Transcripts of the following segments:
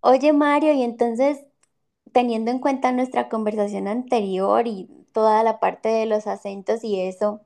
Oye, Mario, y entonces, teniendo en cuenta nuestra conversación anterior y toda la parte de los acentos y eso,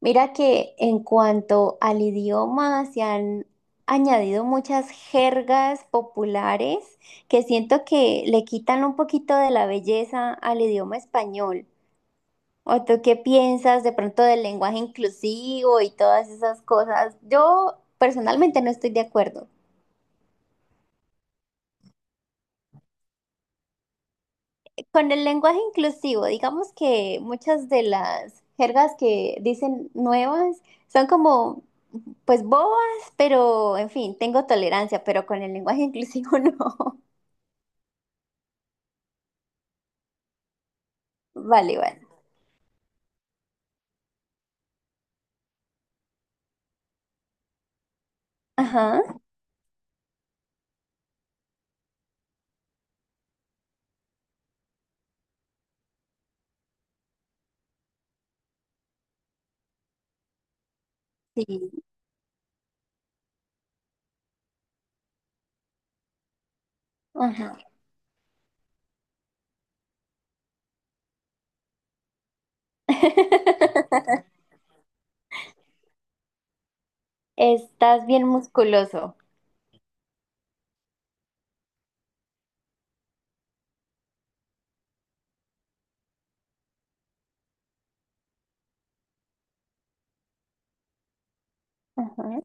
mira que en cuanto al idioma se han añadido muchas jergas populares que siento que le quitan un poquito de la belleza al idioma español. ¿O tú qué piensas de pronto del lenguaje inclusivo y todas esas cosas? Yo personalmente no estoy de acuerdo. Con el lenguaje inclusivo, digamos que muchas de las jergas que dicen nuevas son como, pues bobas, pero en fin, tengo tolerancia, pero con el lenguaje inclusivo no. Vale, vale. Ajá, sí, ajá. Estás bien musculoso. Ajá,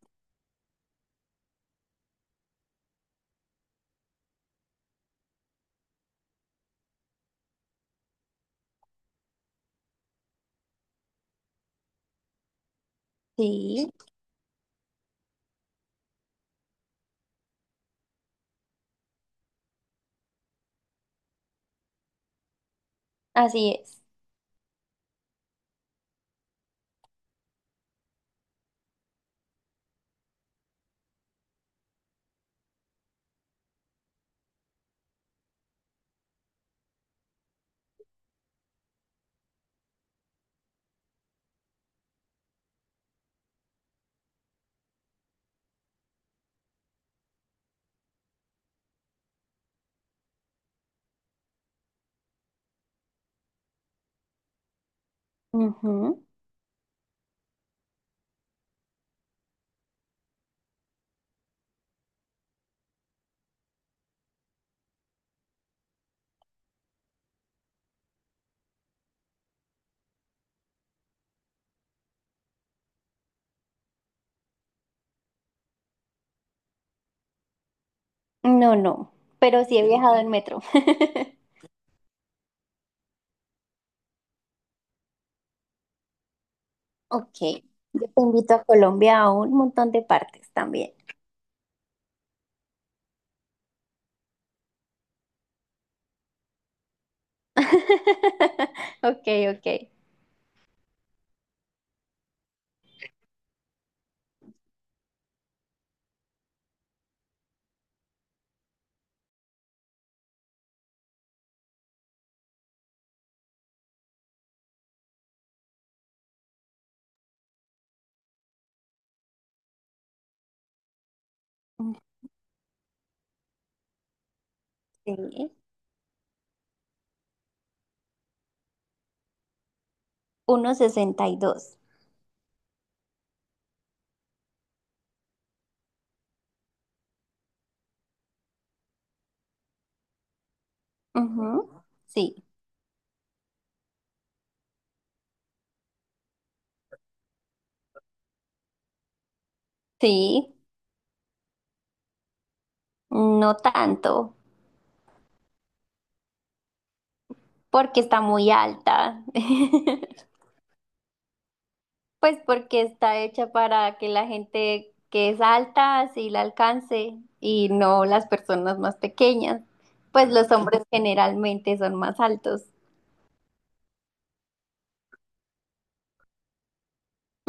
sí, así es. Ujú. No, no, pero sí he viajado en metro. Ok, yo te invito a Colombia a un montón de partes también. Ok, ok. Sí. 1,62. Ujú. Sí, sí, no tanto, porque está muy alta. Pues porque está hecha para que la gente que es alta sí la alcance y no las personas más pequeñas. Pues los hombres generalmente son más altos.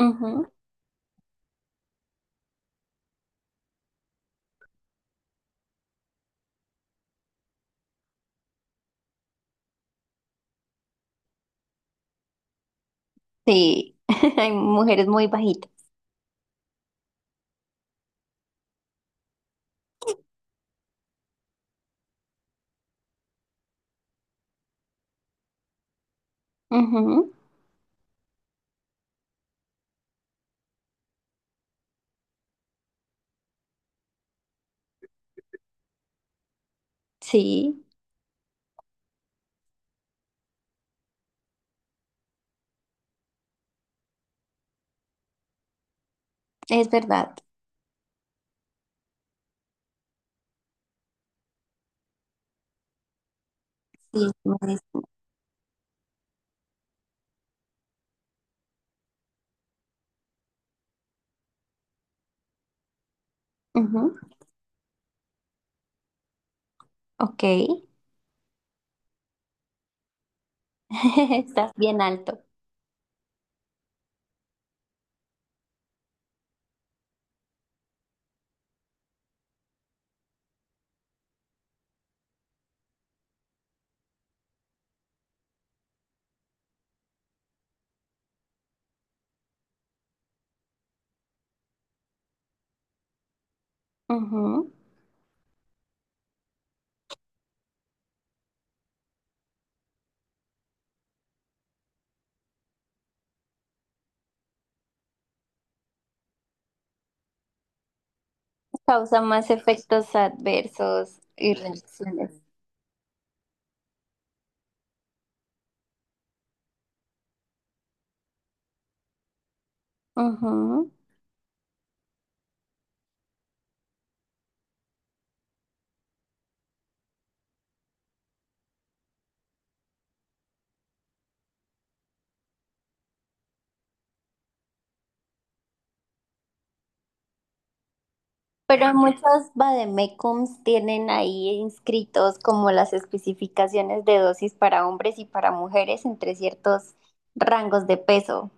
Ujú. Sí, hay mujeres muy bajitas. Ujú. Sí, es verdad. Sí, es muy distinto. Ok, estás bien alto. Ujú. Causa más efectos adversos y reacciones. Ujú. Pero muchos vademecums tienen ahí inscritos como las especificaciones de dosis para hombres y para mujeres entre ciertos rangos de peso.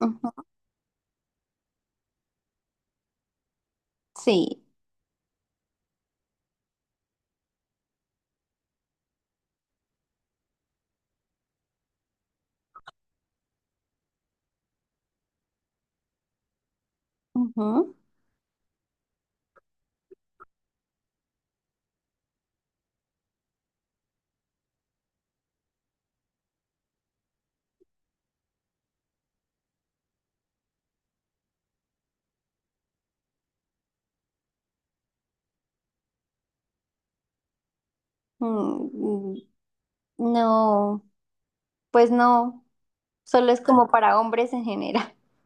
Ujú. Sí. Ujú. Mm, no, pues no, solo es como para hombres en general.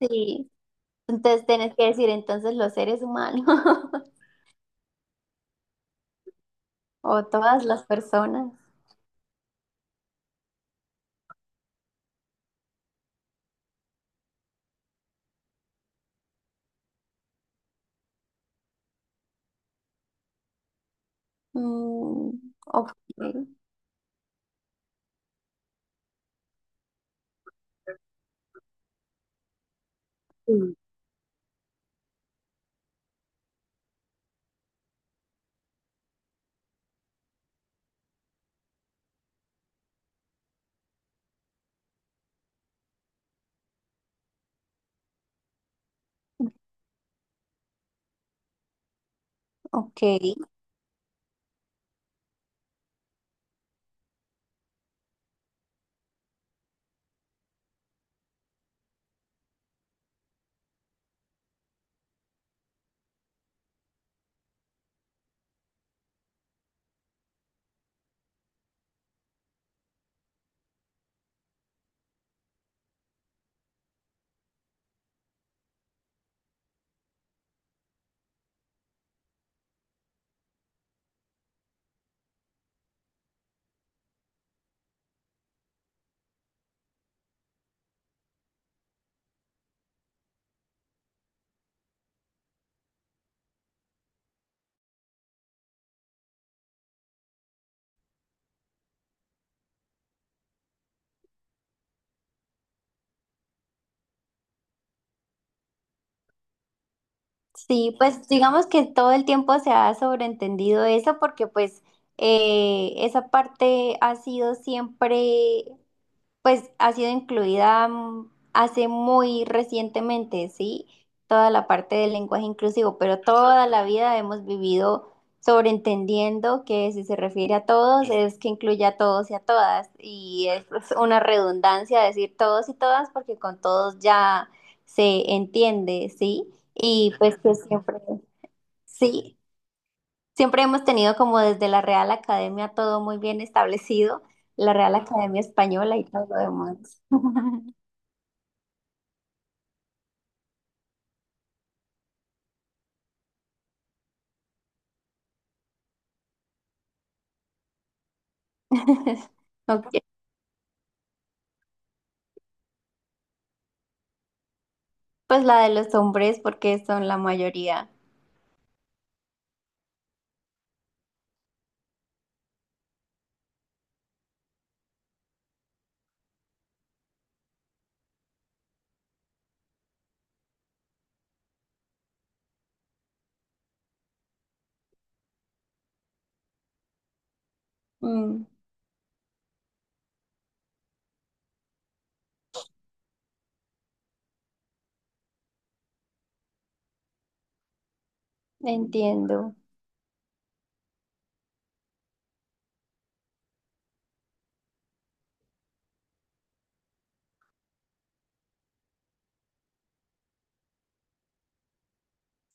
Sí. Entonces tienes que decir entonces los seres humanos. O todas las personas. Mm, ok. Sí. Ok. Sí, pues digamos que todo el tiempo se ha sobreentendido eso porque pues esa parte ha sido siempre. Pues ha sido incluida hace muy recientemente, ¿sí? Toda la parte del lenguaje inclusivo, pero toda la vida hemos vivido sobreentendiendo que si se refiere a todos es que incluye a todos y a todas. Y es pues, una redundancia decir todos y todas porque con todos ya se entiende, ¿sí? Y pues que siempre, sí. Siempre hemos tenido como desde la Real Academia todo muy bien establecido, la Real Academia Española y todo lo demás. Ok. Pues la de los hombres porque son la mayoría. Mm, Entiendo.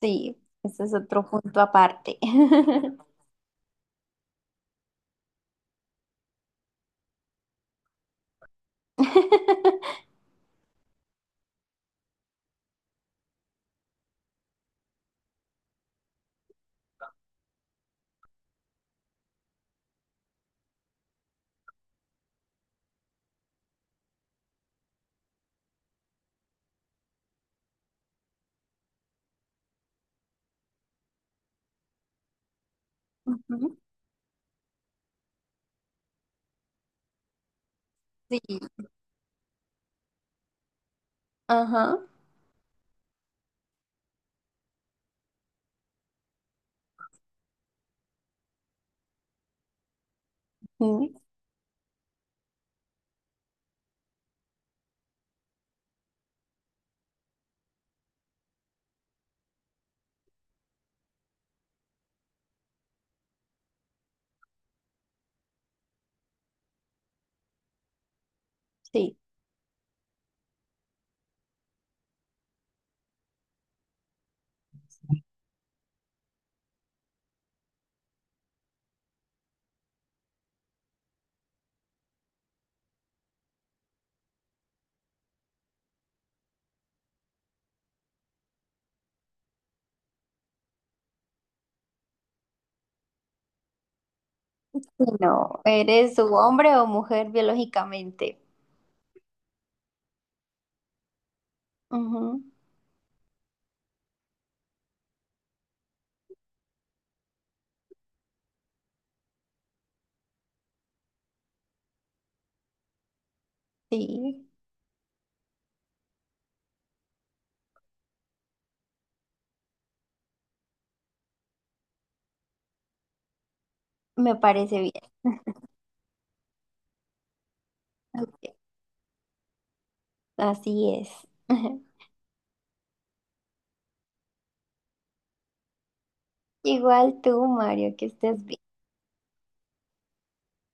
Sí, ese es otro punto aparte. Ujú. Sí, ajá, mm, sí. Sí. No, ¿eres su hombre o mujer biológicamente? Ujú. Sí, me parece bien. Ok. Así es. Igual tú, Mario, que estés bien.